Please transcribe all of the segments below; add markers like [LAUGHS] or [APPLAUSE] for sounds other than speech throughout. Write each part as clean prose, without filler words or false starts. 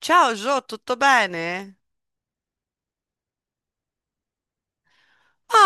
Ciao Gio, tutto bene?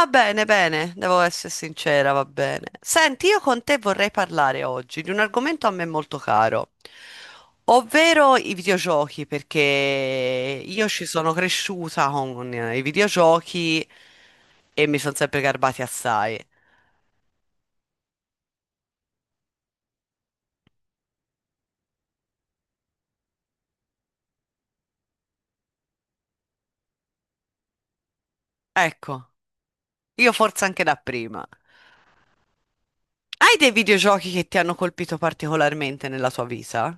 Ah, bene, bene, devo essere sincera, va bene. Senti, io con te vorrei parlare oggi di un argomento a me molto caro, ovvero i videogiochi, perché io ci sono cresciuta con i videogiochi e mi sono sempre garbati assai. Ecco, io forse anche da prima. Hai dei videogiochi che ti hanno colpito particolarmente nella tua vita?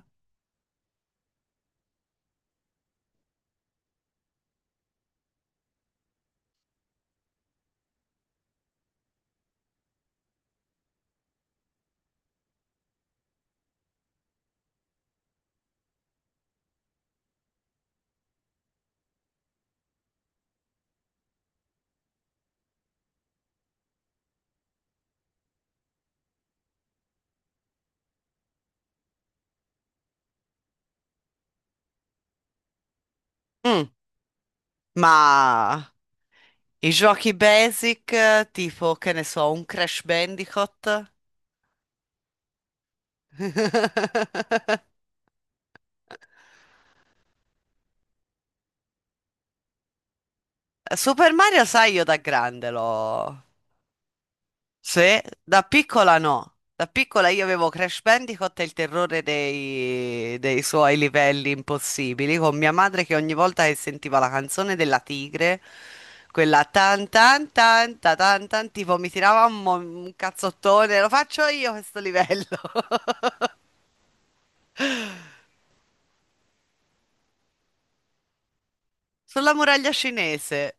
Mm, ma i giochi basic, tipo, che ne so, un Crash Bandicoot. [LAUGHS] Super Mario, sai, io da grande l'ho. Sì, da piccola no. Da piccola io avevo Crash Bandicoot e il terrore dei suoi livelli impossibili, con mia madre che ogni volta che sentiva la canzone della tigre, quella tan tan tan ta tan tan, tipo mi tirava un cazzottone, lo faccio io questo livello. [LAUGHS] Sulla muraglia cinese.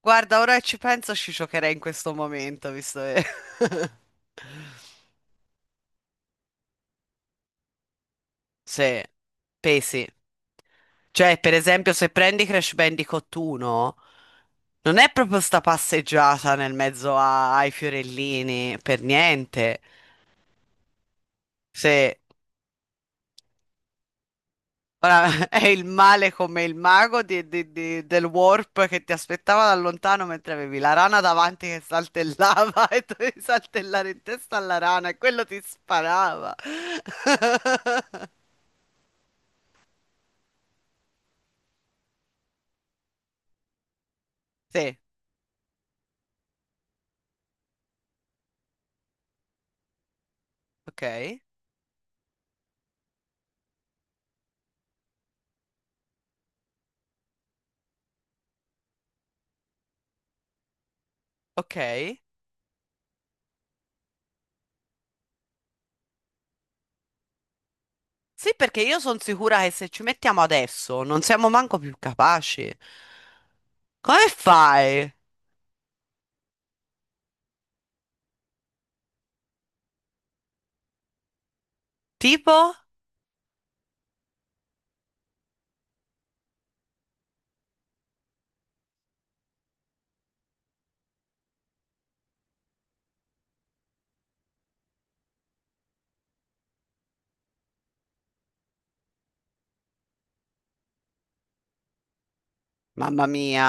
Guarda, ora che ci penso, ci giocherei in questo momento, visto che. [LAUGHS] Sì, pesi. Cioè, per esempio, se prendi Crash Bandicoot 1, non è proprio sta passeggiata nel mezzo ai fiorellini, per niente. Sì, ora [LAUGHS] è il male come il mago del warp che ti aspettava da lontano mentre avevi la rana davanti che saltellava [LAUGHS] e dovevi saltellare in testa alla rana e quello ti sparava. [LAUGHS] Sì. Ok, ok. Sì, perché io sono sicura che se ci mettiamo adesso non siamo manco più capaci. Come fai? Tipo? Mamma mia.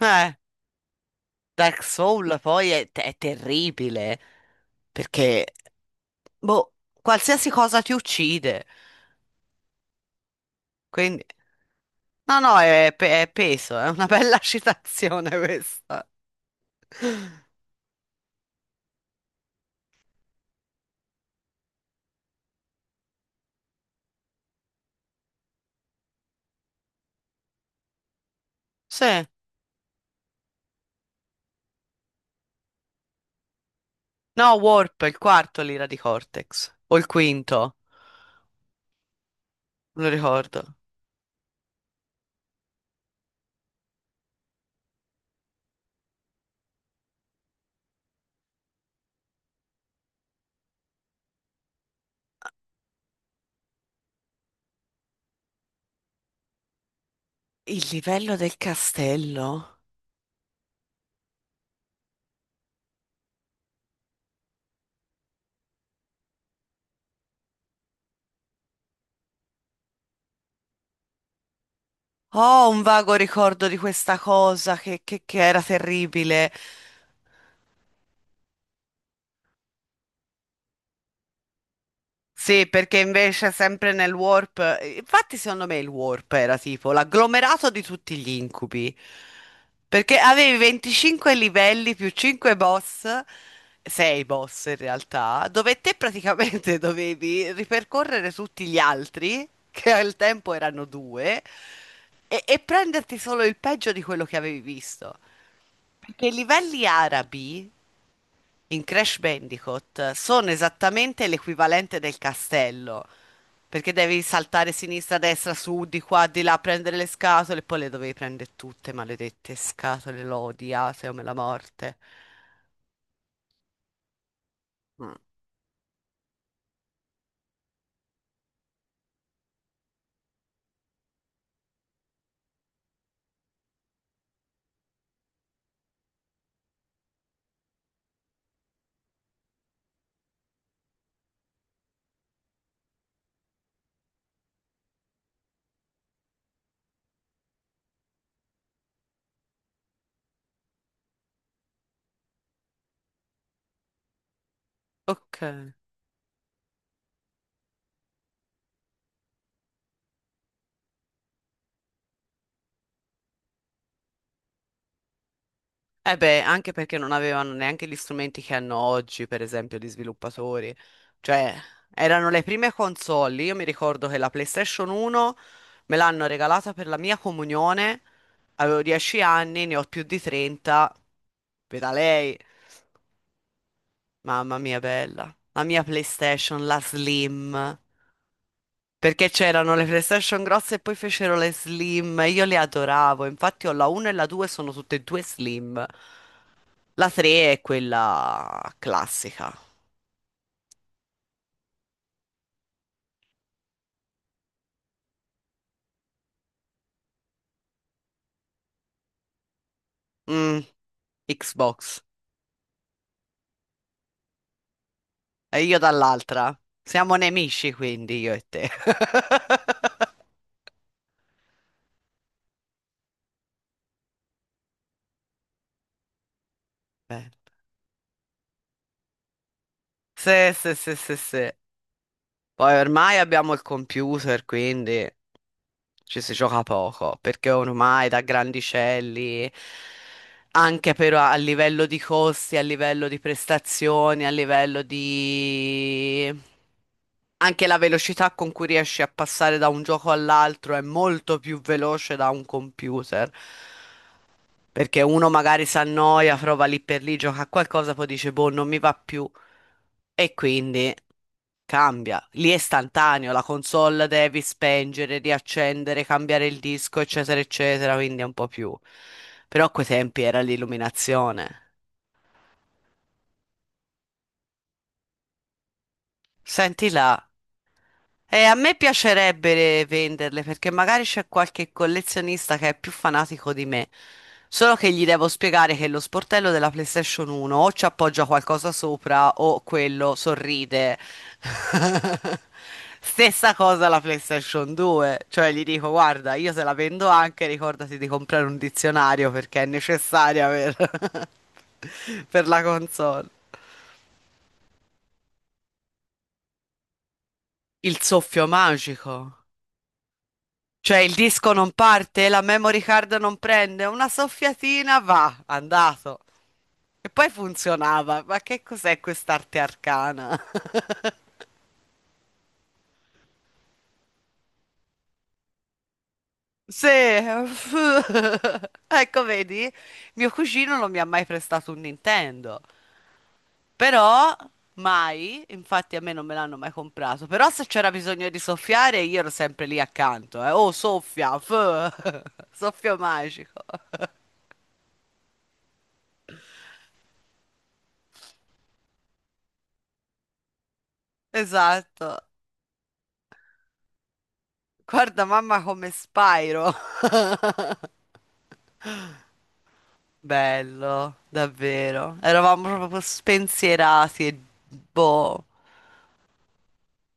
Eh, Dark Soul poi è terribile, perché, boh, qualsiasi cosa ti uccide. Quindi, no, no, è peso, è una bella [LAUGHS] citazione questa. Sì. No, Warp, il quarto l'ira di Cortex, o il quinto, non lo ricordo. Il livello del castello? Ho un vago ricordo di questa cosa che era terribile. Sì, perché invece sempre nel warp, infatti secondo me il warp era tipo l'agglomerato di tutti gli incubi, perché avevi 25 livelli più 5 boss, 6 boss in realtà, dove te praticamente [LAUGHS] dovevi ripercorrere tutti gli altri, che al tempo erano due, e prenderti solo il peggio di quello che avevi visto. Che i livelli arabi in Crash Bandicoot sono esattamente l'equivalente del castello, perché devi saltare sinistra, destra, su, di qua, di là, prendere le scatole e poi le dovevi prendere tutte, maledette scatole, l'ho odiate come la morte. Mm. Ok. Eh beh, anche perché non avevano neanche gli strumenti che hanno oggi, per esempio, gli sviluppatori. Cioè, erano le prime console. Io mi ricordo che la PlayStation 1 me l'hanno regalata per la mia comunione. Avevo 10 anni, ne ho più di 30. Veda lei. Mamma mia, bella. La mia PlayStation, la Slim. Perché c'erano le PlayStation grosse e poi fecero le Slim. Io le adoravo. Infatti ho la 1 e la 2, sono tutte e due Slim. La 3 è quella classica. Mm, Xbox. E io dall'altra. Siamo nemici, quindi io e te. [LAUGHS] Beh. Sì, sì, sì, sì, sì. Poi ormai abbiamo il computer, quindi ci si gioca poco, perché ormai da grandicelli, anche però a livello di costi, a livello di prestazioni, a livello di. Anche la velocità con cui riesci a passare da un gioco all'altro è molto più veloce da un computer. Perché uno magari si annoia, prova lì per lì, gioca a qualcosa, poi dice, boh, non mi va più. E quindi cambia. Lì è istantaneo, la console devi spengere, riaccendere, cambiare il disco, eccetera, eccetera, quindi è un po' più. Però a quei tempi era l'illuminazione. Senti là. E a me piacerebbe venderle perché magari c'è qualche collezionista che è più fanatico di me. Solo che gli devo spiegare che lo sportello della PlayStation 1 o ci appoggia qualcosa sopra o quello sorride. [LAUGHS] Stessa cosa la PlayStation 2, cioè gli dico guarda, io se la vendo anche ricordati di comprare un dizionario perché è necessaria per, [LAUGHS] per la console. Il soffio magico. Cioè il disco non parte, la memory card non prende, una soffiatina va, andato. E poi funzionava. Ma che cos'è quest'arte arcana? [LAUGHS] Sì, [LAUGHS] ecco, vedi, mio cugino non mi ha mai prestato un Nintendo, però mai, infatti a me non me l'hanno mai comprato, però se c'era bisogno di soffiare io ero sempre lì accanto, eh. Oh, soffia, [LAUGHS] soffio magico. Esatto. Guarda mamma come Spyro. Bello, davvero. Eravamo proprio spensierati e boh,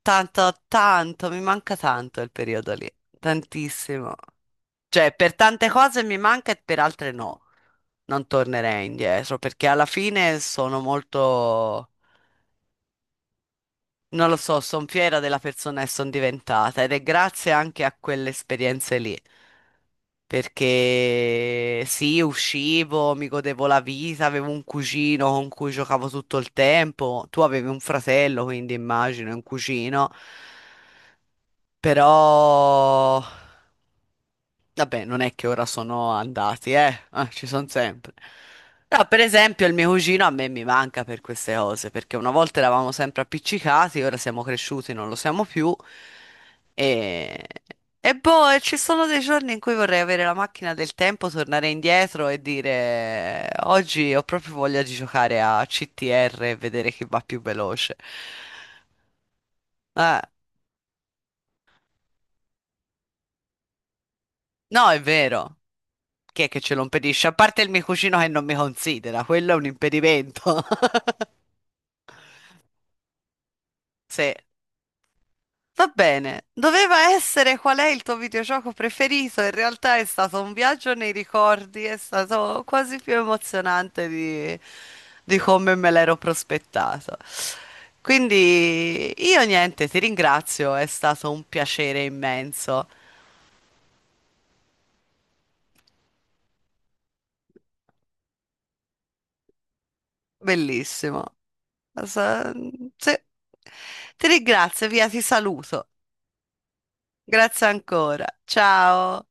tanto, tanto, mi manca tanto il periodo lì, tantissimo. Cioè, per tante cose mi manca e per altre no. Non tornerei indietro perché alla fine sono molto. Non lo so, sono fiera della persona che sono diventata ed è grazie anche a quelle esperienze lì. Perché sì, uscivo, mi godevo la vita, avevo un cugino con cui giocavo tutto il tempo. Tu avevi un fratello, quindi immagino, e un cugino. Però. Vabbè, non è che ora sono andati. Ah, ci sono sempre. Però, per esempio, il mio cugino a me mi manca per queste cose, perché una volta eravamo sempre appiccicati, ora siamo cresciuti, non lo siamo più. E, e boh, e ci sono dei giorni in cui vorrei avere la macchina del tempo, tornare indietro e dire oggi ho proprio voglia di giocare a CTR e vedere chi va più veloce. Eh, no, è vero. Chi è che ce lo impedisce? A parte il mio cugino che non mi considera, quello è un impedimento. [LAUGHS] Sì. Va bene. Doveva essere qual è il tuo videogioco preferito? In realtà è stato un viaggio nei ricordi, è stato quasi più emozionante di come me l'ero prospettato. Quindi io niente, ti ringrazio, è stato un piacere immenso. Bellissimo. Sa- Sì. Ti ringrazio, via, ti saluto. Grazie ancora. Ciao.